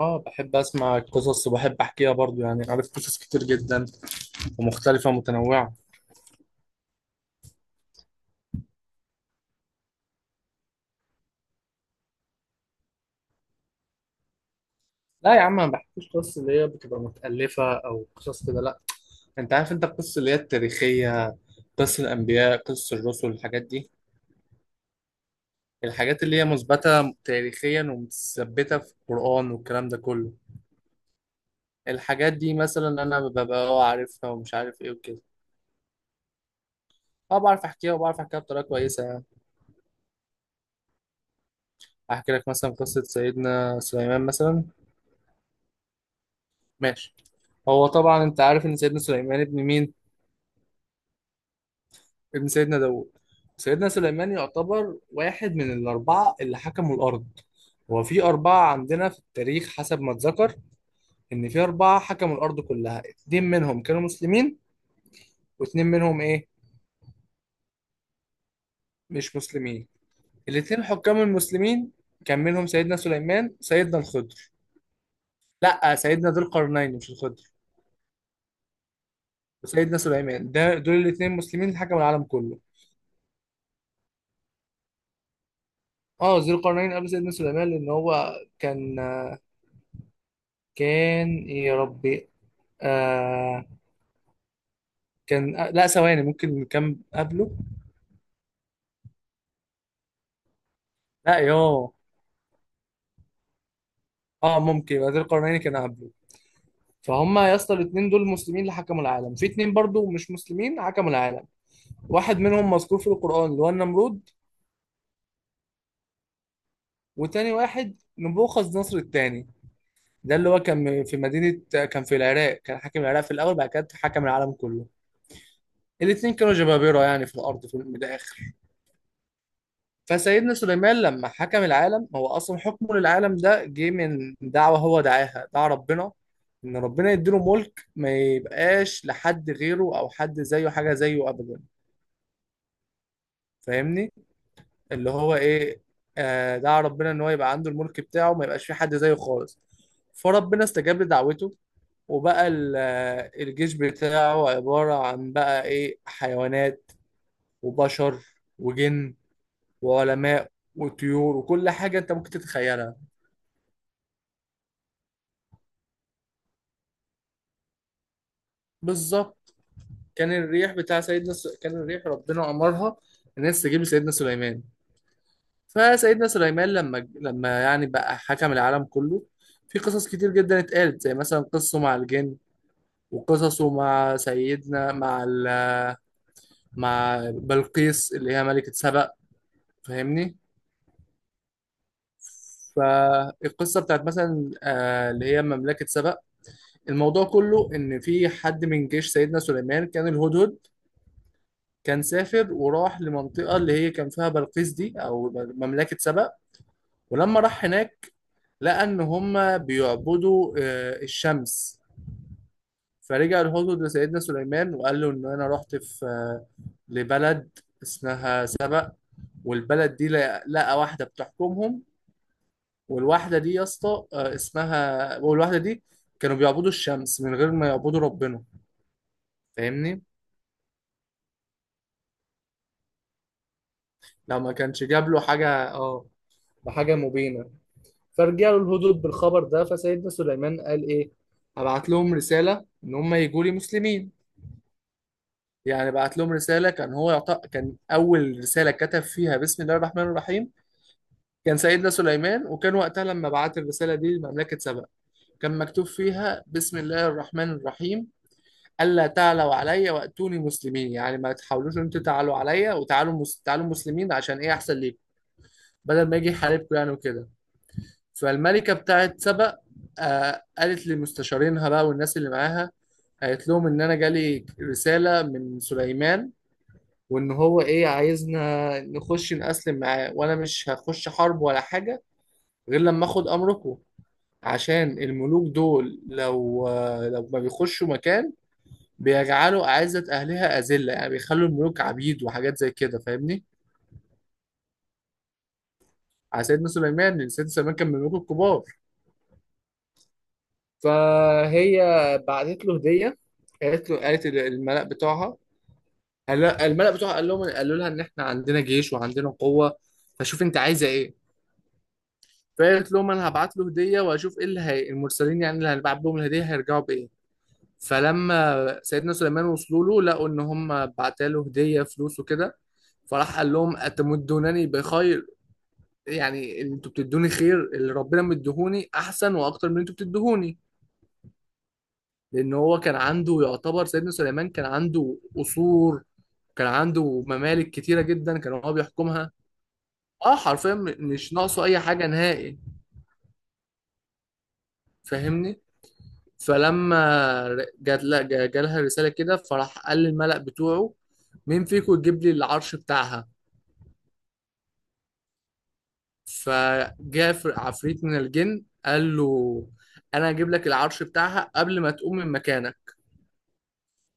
اه، بحب اسمع قصص وبحب احكيها برضو يعني عارف قصص كتير جدا ومختلفه ومتنوعه. لا يا عم، ما بحكيش قصص اللي هي بتبقى متالفه او قصص كده، لا. انت عارف، انت القصص اللي هي التاريخيه، قصص الانبياء، قصص الرسل، الحاجات دي، الحاجات اللي هي مثبته تاريخيا ومتثبته في القران والكلام ده كله. الحاجات دي مثلا انا ببقى عارفها ومش عارف ايه وكده. اه، بعرف احكيها وبعرف احكيها بطريقه كويسه يعني. احكي لك مثلا قصه سيدنا سليمان مثلا. ماشي. هو طبعا انت عارف ان سيدنا سليمان ابن مين؟ ابن سيدنا داوود. سيدنا سليمان يعتبر واحد من الأربعة اللي حكموا الأرض. هو في أربعة عندنا في التاريخ حسب ما اتذكر، إن في أربعة حكموا الأرض كلها، اتنين منهم كانوا مسلمين واتنين منهم إيه؟ مش مسلمين. الاتنين حكام المسلمين كان منهم سيدنا سليمان، سيدنا الخضر. لأ، سيدنا ذو القرنين مش الخضر، وسيدنا سليمان، ده دول الاتنين مسلمين اللي حكموا العالم كله. اه، ذو القرنين قبل سيدنا سليمان لأن هو كان كان يا ربي. آه كان. لا، ثواني، ممكن كان قبله. لا يوه. اه، ممكن بدر القرنين كان قبله. فهم يا اسطى، الاثنين دول مسلمين اللي حكموا العالم، في اثنين برضو مش مسلمين حكموا العالم. واحد منهم مذكور في القرآن اللي هو النمرود، وتاني واحد نبوخذ نصر الثاني، ده اللي هو كان في مدينة، كان في العراق، كان حاكم العراق في الأول بعد كده حكم العالم كله. الاثنين كانوا جبابرة يعني في الأرض في الآخر. فسيدنا سليمان لما حكم العالم، هو اصلا حكمه للعالم ده جه من دعوه، هو دعاها دعا ربنا ان ربنا يديله ملك ما يبقاش لحد غيره او حد زيه، حاجه زيه ابدا. فاهمني؟ اللي هو ايه، دعا ربنا ان هو يبقى عنده الملك بتاعه ما يبقاش في حد زيه خالص. فربنا استجاب لدعوته، وبقى الجيش بتاعه عباره عن بقى ايه، حيوانات وبشر وجن وعلماء وطيور وكل حاجه انت ممكن تتخيلها. بالظبط. كان الريح بتاع سيدنا س... كان الريح ربنا امرها ان هي تستجيب لسيدنا سليمان. فسيدنا سليمان لما يعني بقى حكم العالم كله، في قصص كتير جدا اتقالت، زي مثلا قصه مع الجن، وقصصه مع سيدنا مع ال... مع بلقيس اللي هي ملكة سبأ. فاهمني؟ فالقصة بتاعت مثلا اللي هي مملكة سبأ، الموضوع كله إن في حد من جيش سيدنا سليمان كان الهدهد، كان سافر وراح لمنطقة اللي هي كان فيها بلقيس دي أو مملكة سبأ. ولما راح هناك، لقى إن هما بيعبدوا الشمس. فرجع الهدهد لسيدنا سليمان وقال له إن أنا رحت في آه، لبلد اسمها سبأ، والبلد دي لقى واحدة بتحكمهم، والواحدة دي يا اسطى اسمها، والواحدة دي كانوا بيعبدوا الشمس من غير ما يعبدوا ربنا. فاهمني؟ لو ما كانش جاب له حاجة، اه، حاجة مبينة. فرجع له الهدود بالخبر ده، فسيدنا سليمان قال ايه، هبعت لهم رسالة ان هم يجوا لي مسلمين. يعني بعت لهم رسالة، كان اول رسالة كتب فيها بسم الله الرحمن الرحيم، كان سيدنا سليمان. وكان وقتها لما بعت الرسالة دي لمملكة سبأ كان مكتوب فيها بسم الله الرحمن الرحيم، ألا تعلوا عليا وأتوني مسلمين. يعني ما تحاولوش ان انتوا تعلوا عليا، وتعالوا تعالوا مسلمين عشان ايه، احسن ليكم، بدل ما يجي يحاربكم يعني وكده. فالملكة بتاعت سبأ قالت لمستشارينها بقى والناس اللي معاها، قالت لهم إن أنا جالي رسالة من سليمان، وإن هو إيه عايزنا نخش نأسلم معاه، وأنا مش هخش حرب ولا حاجة غير لما آخد أمركم، عشان الملوك دول لو ما بيخشوا مكان بيجعلوا أعزة أهلها أذلة، يعني بيخلوا الملوك عبيد وحاجات زي كده. فاهمني؟ على سيدنا سليمان، لأن سيدنا سليمان كان من الملوك الكبار. فهي بعتت له هديه، قالت له، قالت الملأ بتوعها، الملأ بتوعها قال لهم، قالوا لها ان احنا عندنا جيش وعندنا قوه، فشوف انت عايزه ايه. فقالت لهم انا هبعت له هديه واشوف ايه اللي هي المرسلين يعني اللي هنبعت لهم الهديه هيرجعوا بايه. فلما سيدنا سليمان وصلوا له لقوا ان هم بعتا له هديه فلوس وكده، فراح قال لهم اتمدونني بخير، يعني انتوا بتدوني خير، اللي ربنا مديهوني احسن واكتر من اللي انتوا بتدوهوني. لان هو كان عنده يعتبر، سيدنا سليمان كان عنده قصور، كان عنده ممالك كتيره جدا كان هو بيحكمها. اه حرفيا، مش ناقصه اي حاجه نهائي. فاهمني؟ فلما ر- جات لا جا- جالها رساله كده، فراح قال للملأ بتوعه مين فيكم يجيب لي العرش بتاعها. فجاء عفريت من الجن قال له انا هجيب لك العرش بتاعها قبل ما تقوم من مكانك.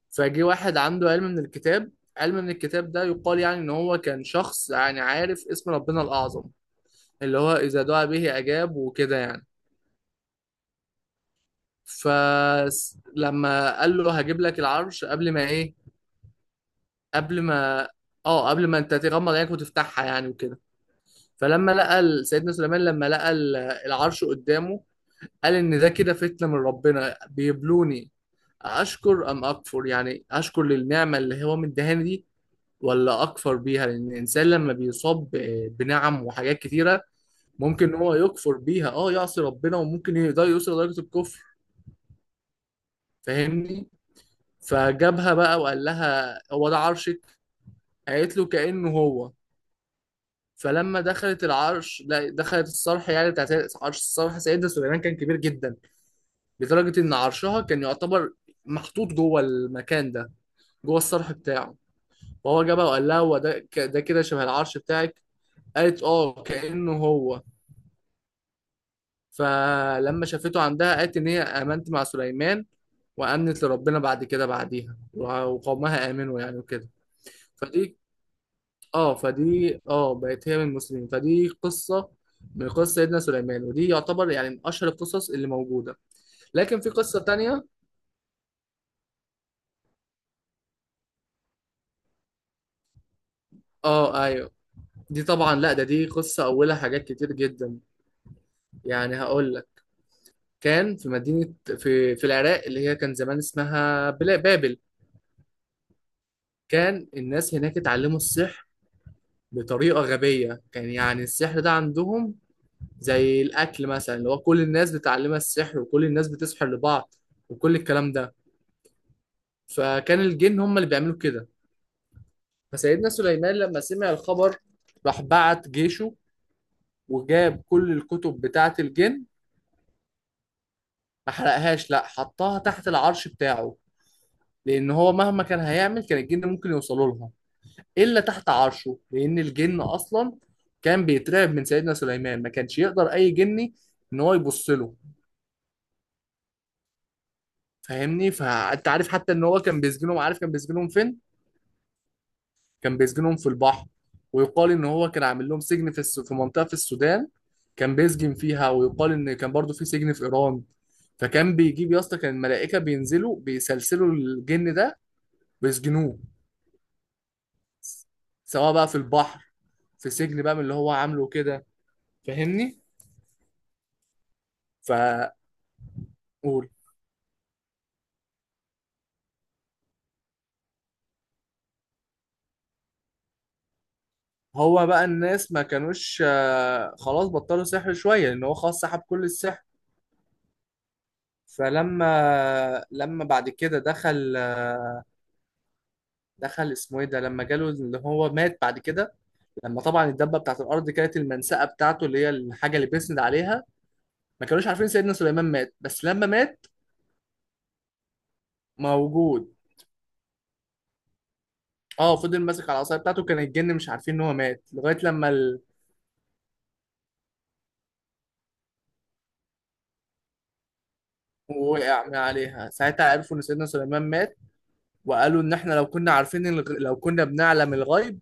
فجه واحد عنده علم من الكتاب، علم من الكتاب ده يقال يعني ان هو كان شخص يعني عارف اسم ربنا الاعظم، اللي هو اذا دعا به اجاب وكده يعني. فلما قال له هجيب لك العرش قبل ما ايه قبل ما اه قبل ما انت تغمض عينك وتفتحها يعني وكده. فلما لقى سيدنا سليمان لما لقى العرش قدامه، قال ان ده كده فتنة من ربنا بيبلوني، اشكر ام اكفر، يعني اشكر للنعمه اللي هو مديهاني دي، ولا اكفر بيها، لان الانسان لما بيصاب بنعم وحاجات كتيره ممكن ان هو يكفر بيها، اه يعصي ربنا، وممكن ده يوصل لدرجه الكفر. فاهمني؟ فجابها بقى وقال لها هو ده عرشك، قالت له كانه هو. فلما دخلت العرش، لا دخلت الصرح يعني بتاعت عرش، الصرح سيدنا سليمان كان كبير جدا لدرجه ان عرشها كان يعتبر محطوط جوه المكان ده، جوه الصرح بتاعه. فهو جابها وقال لها هو ده، ده كده شبه العرش بتاعك، قالت اه كأنه هو. فلما شافته عندها قالت ان هي امنت مع سليمان، وامنت لربنا بعد كده، بعديها وقومها امنوا يعني وكده. فدي، اه بقت هي من المسلمين، فدي قصه من قصه سيدنا سليمان، ودي يعتبر يعني من اشهر القصص اللي موجوده. لكن في قصه تانية. اه ايوه. دي طبعا لا، دي قصه اولها حاجات كتير جدا، يعني هقول لك. كان في مدينه في العراق اللي هي كان زمان اسمها بابل. كان الناس هناك اتعلموا السحر بطريقة غبية، كان يعني السحر ده عندهم زي الأكل مثلا، اللي هو كل الناس بتعلمها السحر، وكل الناس بتسحر لبعض، وكل الكلام ده. فكان الجن هم اللي بيعملوا كده. فسيدنا سليمان لما سمع الخبر راح بعت جيشه وجاب كل الكتب بتاعة الجن. ما حرقهاش، لا، حطها تحت العرش بتاعه، لأن هو مهما كان هيعمل كان الجن ممكن يوصلوا لها إلا تحت عرشه، لأن الجن أصلا كان بيترعب من سيدنا سليمان، ما كانش يقدر أي جني إن هو يبص له. فاهمني؟ فانت عارف حتى ان هو كان بيسجنهم، عارف كان بيسجنهم فين؟ كان بيسجنهم في البحر، ويقال ان هو كان عامل لهم سجن في منطقة في السودان، كان بيسجن فيها، ويقال ان كان برضو في سجن في ايران. فكان بيجيب يا اسطى، كان الملائكة بينزلوا بيسلسلوا الجن ده ويسجنوه، سواء بقى في البحر، في سجن بقى من اللي هو عامله كده. فاهمني؟ فقول. هو بقى الناس ما كانوش خلاص بطلوا سحر شوية لأن هو خلاص سحب كل السحر. فلما بعد كده دخل، اسمه ايه ده، لما جاله اللي هو مات بعد كده. لما طبعا الدبه بتاعت الارض كانت المنسأه بتاعته اللي هي الحاجه اللي بيسند عليها، ما كانوش عارفين سيدنا سليمان مات، بس لما مات موجود. اه، فضل ماسك على العصايه بتاعته، كان الجن مش عارفين ان هو مات لغايه لما وقع من عليها، ساعتها عرفوا ان سيدنا سليمان مات، وقالوا ان احنا لو كنا عارفين، لو كنا بنعلم الغيب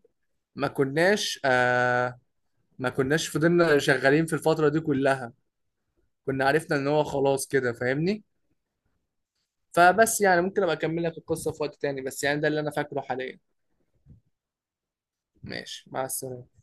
ما كناش، ما كناش فضلنا شغالين في الفتره دي كلها، كنا عرفنا ان هو خلاص كده. فاهمني؟ فبس يعني، ممكن ابقى اكمل لك القصه في وقت تاني، بس يعني ده اللي انا فاكره حاليا. ماشي، مع السلامه.